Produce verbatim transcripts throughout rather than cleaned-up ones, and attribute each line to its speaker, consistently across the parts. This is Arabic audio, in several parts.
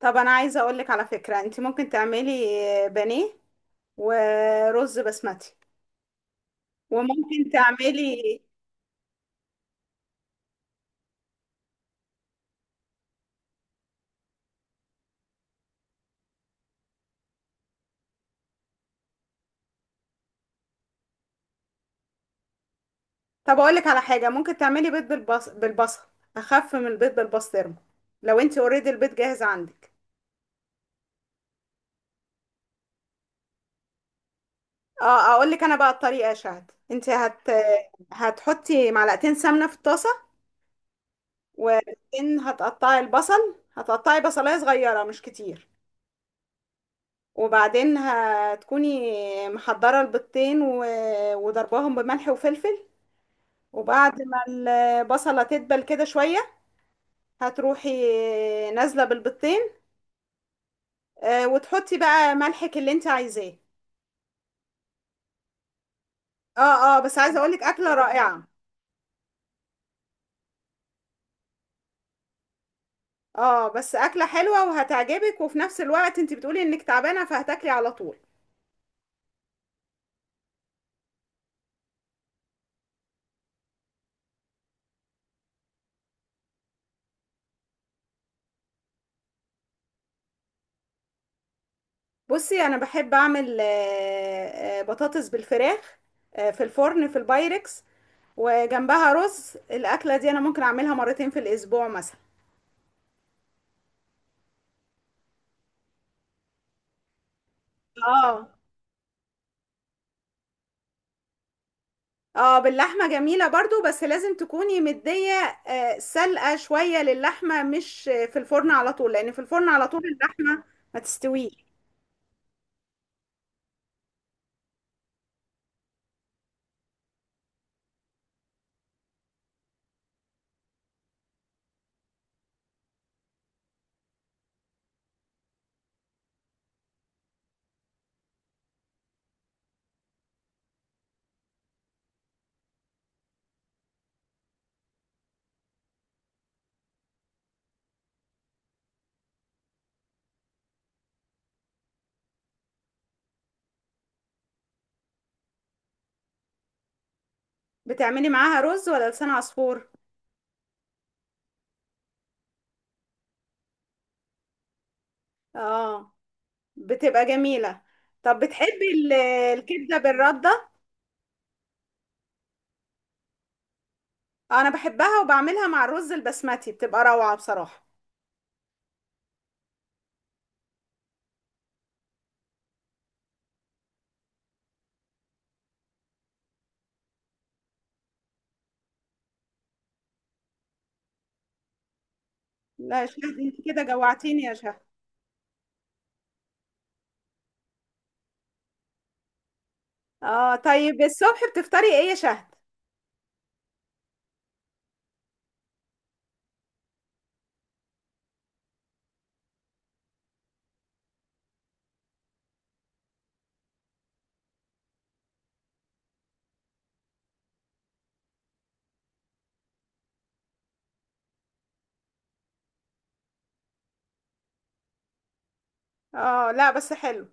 Speaker 1: طب انا عايزه اقول لك على فكره، انت ممكن تعملي بانيه ورز بسمتي، وممكن تعملي. طب اقول لك على حاجه ممكن تعملي بيض بالبص... بالبصل، اخف من البيض بالبسطرمه، لو انت اوريدي البيض جاهز عندك. اه، اقول لك انا بقى الطريقه يا شهد، انت هت هتحطي معلقتين سمنه في الطاسه، وبعدين هتقطعي البصل، هتقطعي بصلايه صغيره مش كتير. وبعدين هتكوني محضره البيضتين و... وضرباهم بملح وفلفل. وبعد ما البصلة تدبل كده شوية هتروحي نازلة بالبيضتين، آه، وتحطي بقى ملحك اللي انت عايزاه. اه، اه، بس عايزة اقولك اكلة رائعة. اه، بس اكلة حلوة وهتعجبك، وفي نفس الوقت انت بتقولي انك تعبانة فهتاكلي على طول. بصي، انا بحب اعمل آه، آه، بطاطس بالفراخ، آه، في الفرن في البايركس، وجنبها رز. الاكلة دي انا ممكن اعملها مرتين في الاسبوع مثلا. اه، اه، باللحمة جميلة برضو، بس لازم تكوني مدية آه، سلقة شوية للحمة، مش آه، في الفرن على طول، لان في الفرن على طول اللحمة ما تستويش. بتعملي معاها رز ولا لسان عصفور؟ اه، بتبقى جميلة. طب بتحبي ال- الكبدة بالردة؟ انا بحبها وبعملها مع الرز البسمتي، بتبقى روعة بصراحة. لا يا شهد، انت كده جوعتيني يا شهد. اه، طيب، الصبح بتفطري ايه يا شهد؟ اه، لا بس حلو.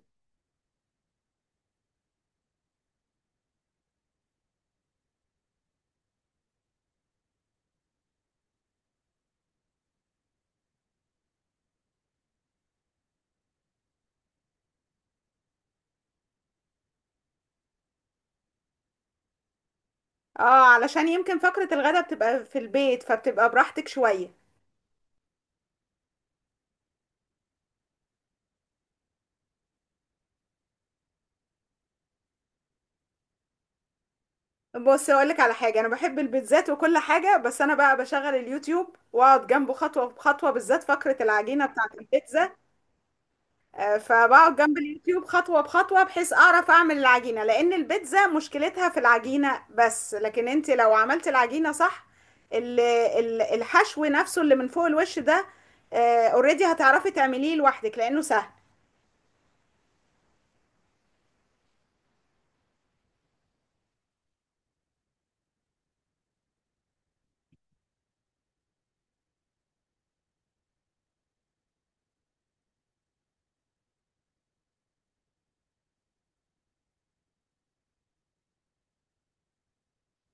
Speaker 1: اه، علشان يمكن فقرة الغدا بتبقى في البيت فبتبقى براحتك شوية. بص اقولك على حاجة، انا بحب البيتزات وكل حاجة، بس انا بقى بشغل اليوتيوب واقعد جنبه خطوة بخطوة، بالذات فقرة العجينة بتاعة البيتزا. آه، فبقعد جنب اليوتيوب خطوة بخطوة بحيث اعرف اعمل العجينة، لان البيتزا مشكلتها في العجينة بس، لكن انت لو عملت العجينة صح، ال- ال- الحشو نفسه اللي من فوق الوش ده، اوريدي هتعرفي تعمليه لوحدك لانه سهل.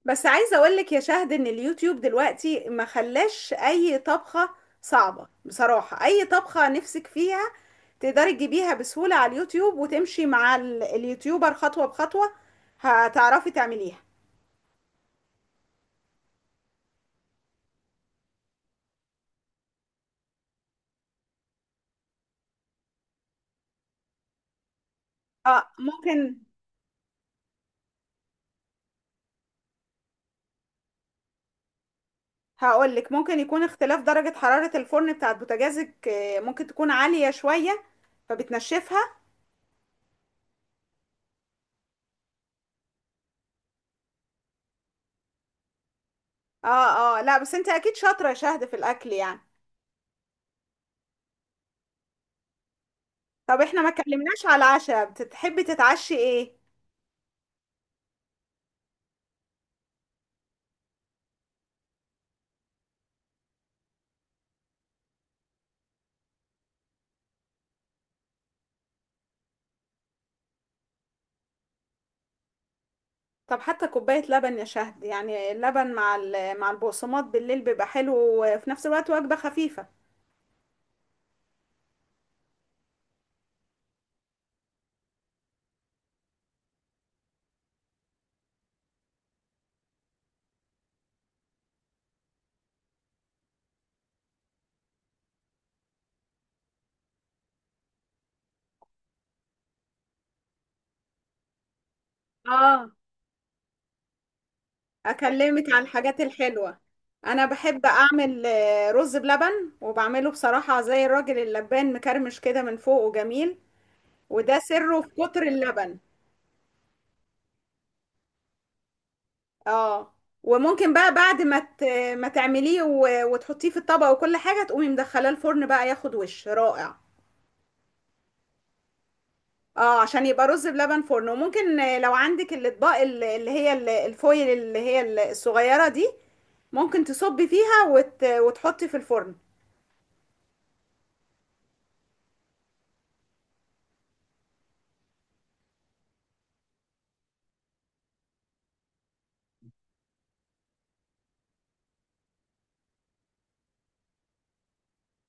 Speaker 1: بس عايزه اقول لك يا شهد ان اليوتيوب دلوقتي ما خلاش اي طبخه صعبه، بصراحه اي طبخه نفسك فيها تقدري تجيبيها بسهوله على اليوتيوب وتمشي مع ال- اليوتيوبر خطوه بخطوه، هتعرفي تعمليها. اه، ممكن. هقول لك، ممكن يكون اختلاف درجه حراره الفرن بتاعت بوتاجازك، آه، ممكن تكون عاليه شويه فبتنشفها. اه، اه، لا، بس انت اكيد شاطره يا شهد في الاكل يعني. طب احنا ما اتكلمناش على العشاء، بتحبي تتعشي ايه؟ طب حتى كوباية لبن يا شهد، يعني اللبن مع ال- مع البقسماط بالليل بيبقى حلو، وفي نفس الوقت وجبة خفيفة. اه، أكلمك على الحاجات الحلوة. أنا بحب أعمل آه، رز بلبن، وبعمله بصراحة زي الراجل اللبان، مكرمش كده من فوق وجميل، وده سره في كتر اللبن. اه، وممكن بقى بعد ما ت- ما تعمليه و- وتحطيه في الطبق وكل حاجة، تقومي مدخلاه الفرن بقى ياخد وش رائع. اه، عشان يبقى رز بلبن فرن. وممكن آه، لو عندك الاطباق ال- اللي هي ال- الفويل، اللي هي ال- الصغيرة دي، ممكن تصبي فيها وت... وتحطي في الفرن.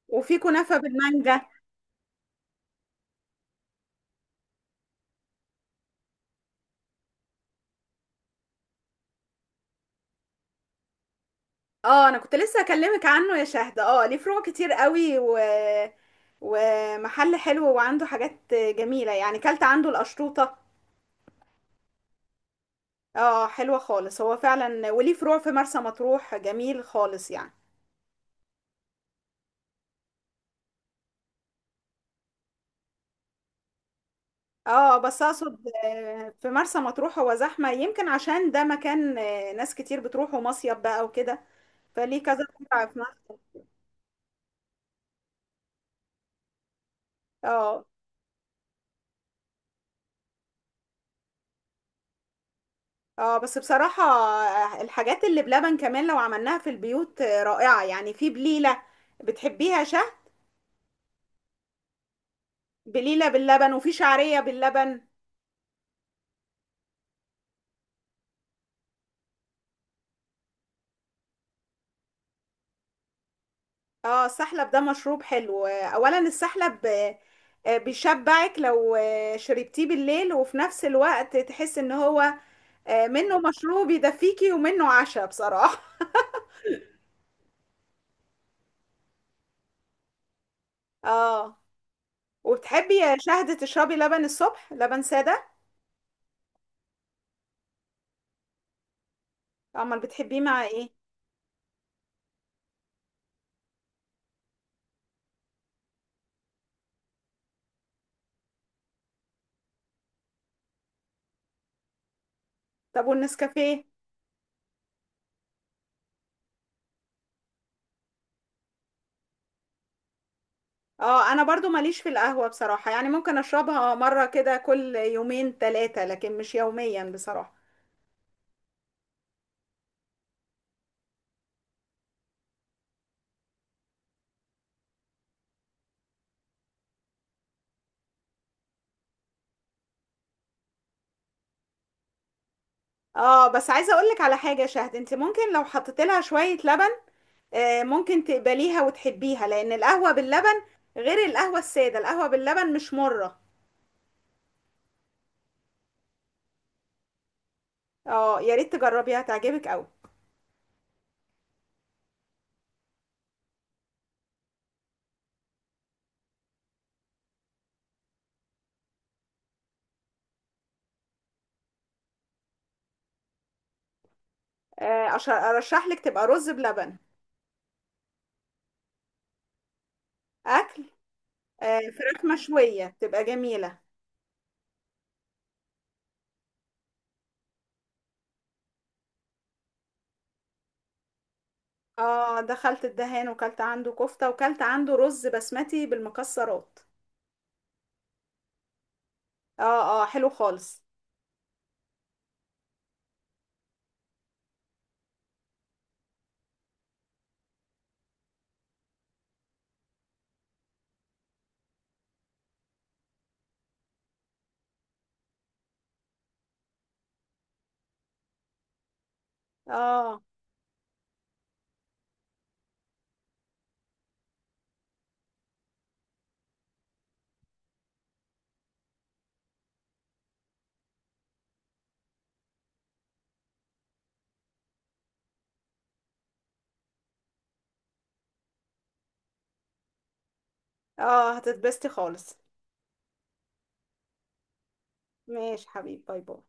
Speaker 1: وفي كنافة بالمانجا. اه، انا كنت لسه اكلمك عنه يا شهد. اه، ليه فروع كتير قوي و... ومحل حلو وعنده حاجات جميلة يعني، كلت عنده القشطوطة. اه، حلوة خالص هو فعلا، وليه فروع في مرسى مطروح جميل خالص يعني. اه، بس اقصد آه، في مرسى مطروح هو زحمة، يمكن عشان ده مكان آه، ناس كتير بتروحوا مصيف بقى وكده، فليه كذا قطعة في مرسى. اه، اه، بس بصراحة آه، الحاجات اللي بلبن كمان لو عملناها في البيوت آه، رائعة يعني، في بليلة، بتحبيها شه؟ بليلة باللبن وفي شعرية باللبن. اه، السحلب ده مشروب حلو، آه، اولا السحلب، آه، آه، بيشبعك لو آه، شربتيه بالليل، وفي نفس الوقت تحس ان هو آه، منه مشروب يدفيكي، ومنه عشاء بصراحة. اه، وبتحبي يا شهد تشربي لبن الصبح، لبن سادة؟ امال بتحبيه مع ايه؟ طب والنسكافيه؟ اه، انا برضو ماليش في القهوة بصراحة، يعني ممكن اشربها مرة كده كل يومين ثلاثة، لكن مش يوميا بصراحة. اه، بس عايزة اقولك على حاجة يا شهد، انت ممكن لو حطيت لها شوية لبن آه ممكن تقبليها وتحبيها، لان القهوة باللبن غير القهوة السادة، القهوة باللبن مش مرة. اه، يا ريت تجربيها، تعجبك قوي. آه، أش- ارشح لك تبقى رز بلبن. اكل، آه، فراخ مشوية تبقى جميلة. اه، دخلت الدهان وكلت عنده كفتة وكلت عنده رز بسمتي بالمكسرات. اه، اه، حلو خالص. اه، اه، هتتبسطي خالص. ماشي حبيبي، باي باي.